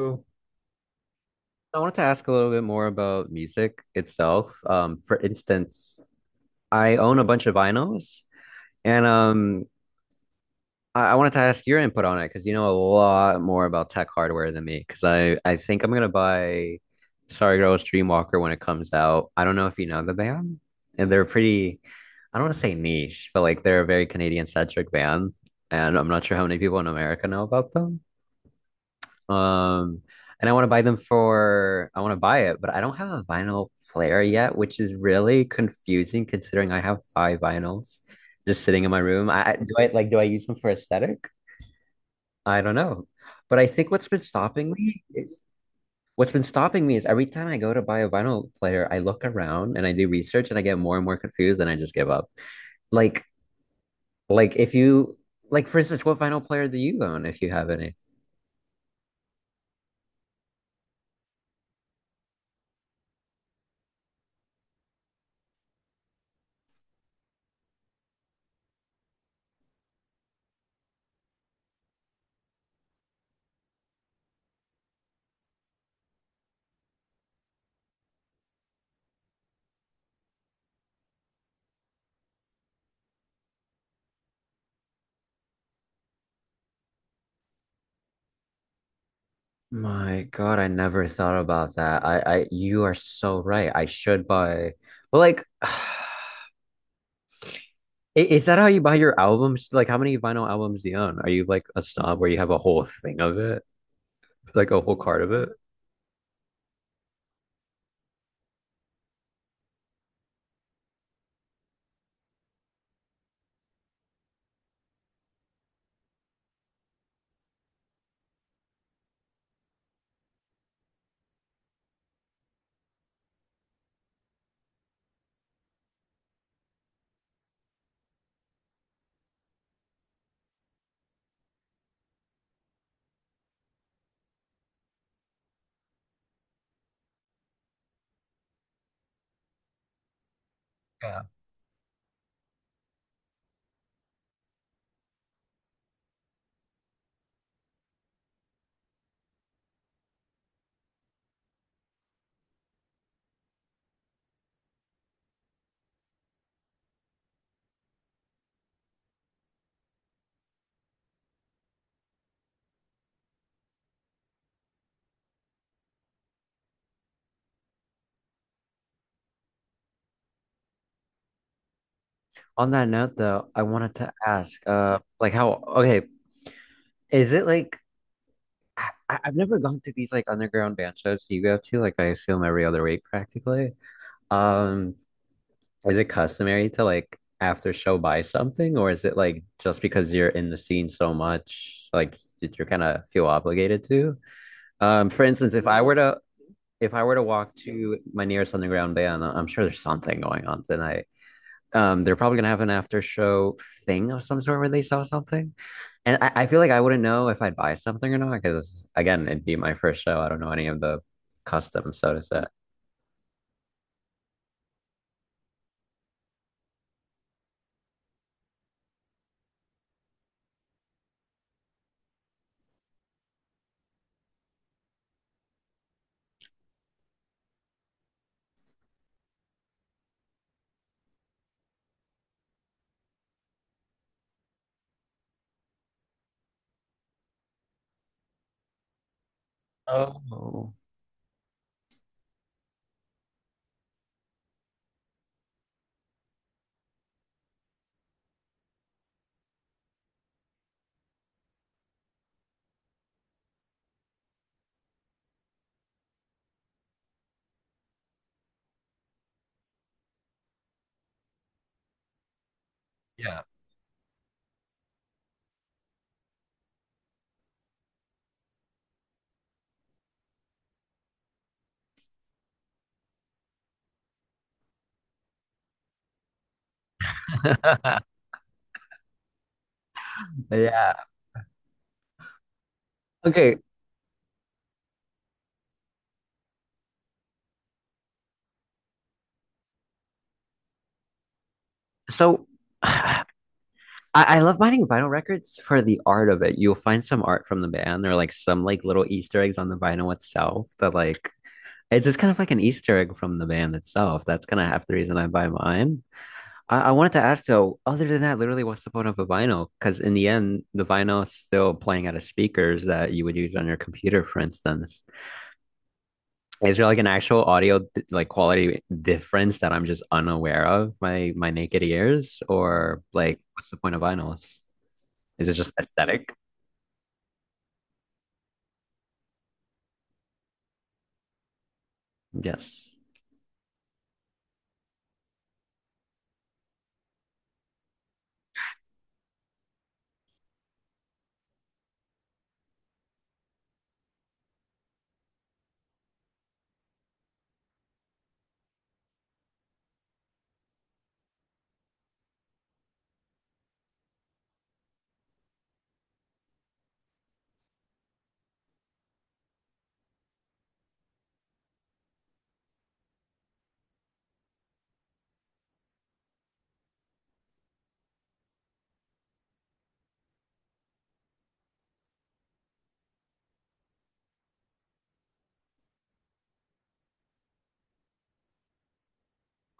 Ooh. I wanted to ask a little bit more about music itself. For instance, I own a bunch of vinyls, and I wanted to ask your input on it because you know a lot more about tech hardware than me. Because I think I'm gonna buy Sorry Girls Dreamwalker when it comes out. I don't know if you know the band, and they're pretty. I don't want to say niche, but like they're a very Canadian centric band, and I'm not sure how many people in America know about them. Um, and I want to buy them for, I want to buy it, but I don't have a vinyl player yet, which is really confusing considering I have five vinyls just sitting in my room. Do I use them for aesthetic? I don't know. But I think what's been stopping me is what's been stopping me is every time I go to buy a vinyl player, I look around and I do research and I get more and more confused and I just give up. Like, like if you, like for instance, what vinyl player do you own if you have any? My God, I never thought about that. You are so right. I should buy, well, like, is that how you buy your albums? Like, how many vinyl albums do you own? Are you like a snob where you have a whole thing of it, like a whole card of it? Yeah. On that note, though, I wanted to ask, like, how, okay, is it like, I've never gone to these like underground band shows you go to, like, I assume every other week practically. Um, Is it customary to like after show buy something, or is it like just because you're in the scene so much, like you're kind of feel obligated to? For instance, if I were to walk to my nearest underground band, I'm sure there's something going on tonight. They're probably gonna have an after show thing of some sort where they sell something. And I feel like I wouldn't know if I'd buy something or not, because again, it'd be my first show. I don't know any of the customs, so to say. Oh, yeah. Yeah. Okay. So I, I love finding vinyl records for the art of it. You'll find some art from the band or like some like little Easter eggs on the vinyl itself that like it's just kind of like an Easter egg from the band itself. That's kind of half the reason I buy mine. I wanted to ask though, other than that, literally what's the point of a vinyl? Because in the end, the vinyl is still playing out of speakers that you would use on your computer, for instance. Is there like an actual audio like quality difference that I'm just unaware of my naked ears or like what's the point of vinyls? Is it just aesthetic? Yes.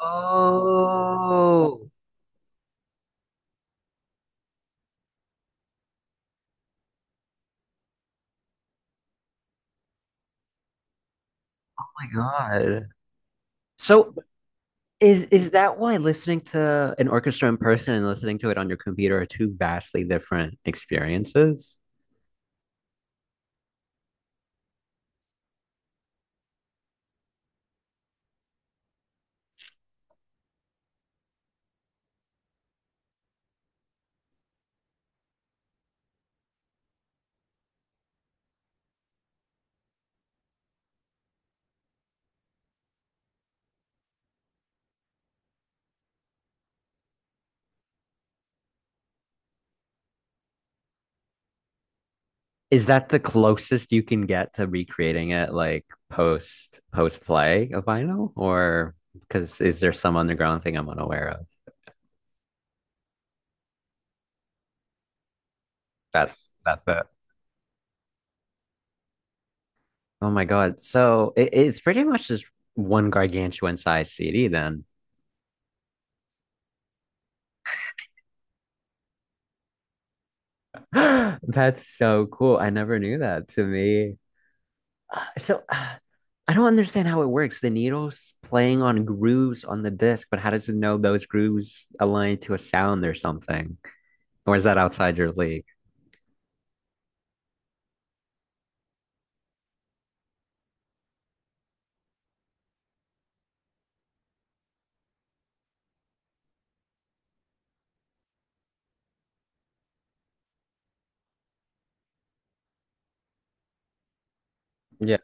Oh, oh my God. So is that why listening to an orchestra in person and listening to it on your computer are two vastly different experiences? Is that the closest you can get to recreating it like post play of vinyl? Or because is there some underground thing I'm unaware of? That's it. Oh my God. So it's pretty much just one gargantuan size CD then. That's so cool. I never knew that to me. So I don't understand how it works. The needle's playing on grooves on the disc, but how does it know those grooves align to a sound or something? Or is that outside your league? Yeah.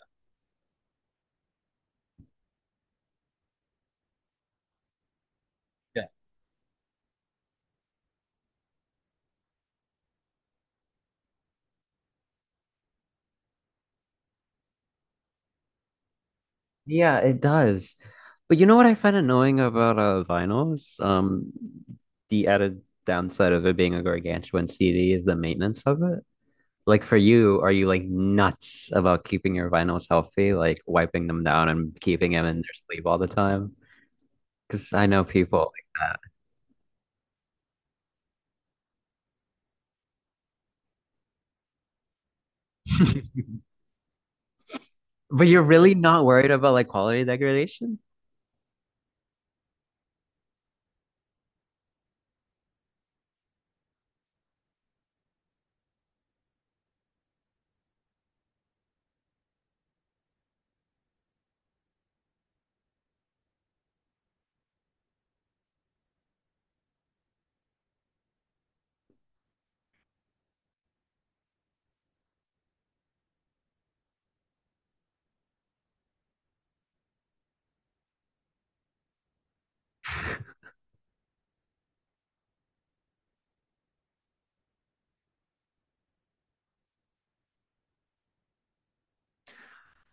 Yeah, it does. But you know what I find annoying about vinyls? The added downside of it being a gargantuan CD is the maintenance of it. Like for you, are you like nuts about keeping your vinyls healthy, like wiping them down and keeping them in their sleeve all the time? Because I know people like that. But you're really not worried about like quality degradation?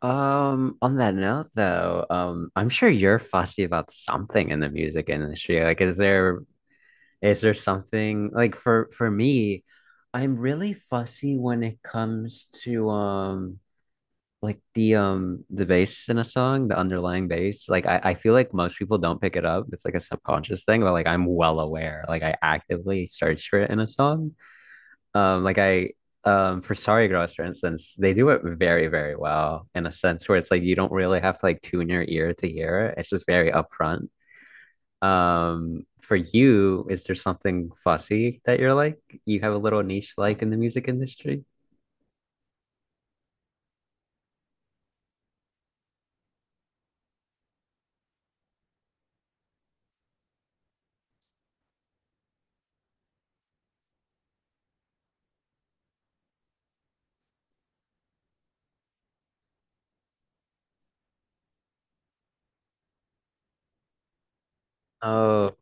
On that note though, I'm sure you're fussy about something in the music industry. Like, Is there something like for me, I'm really fussy when it comes to like the bass in a song, the underlying bass. Like I feel like most people don't pick it up. It's like a subconscious thing, but like I'm well aware. Like I actively search for it in a song. Like I for Sorry Girls, for instance, they do it very, very well in a sense where it's like you don't really have to like tune your ear to hear it. It's just very upfront. For you, is there something fussy that you're like? You have a little niche like in the music industry? Oh,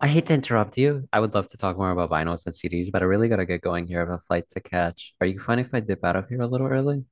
I hate to interrupt you. I would love to talk more about vinyls and CDs, but I really gotta get going here. I have a flight to catch. Are you fine if I dip out of here a little early?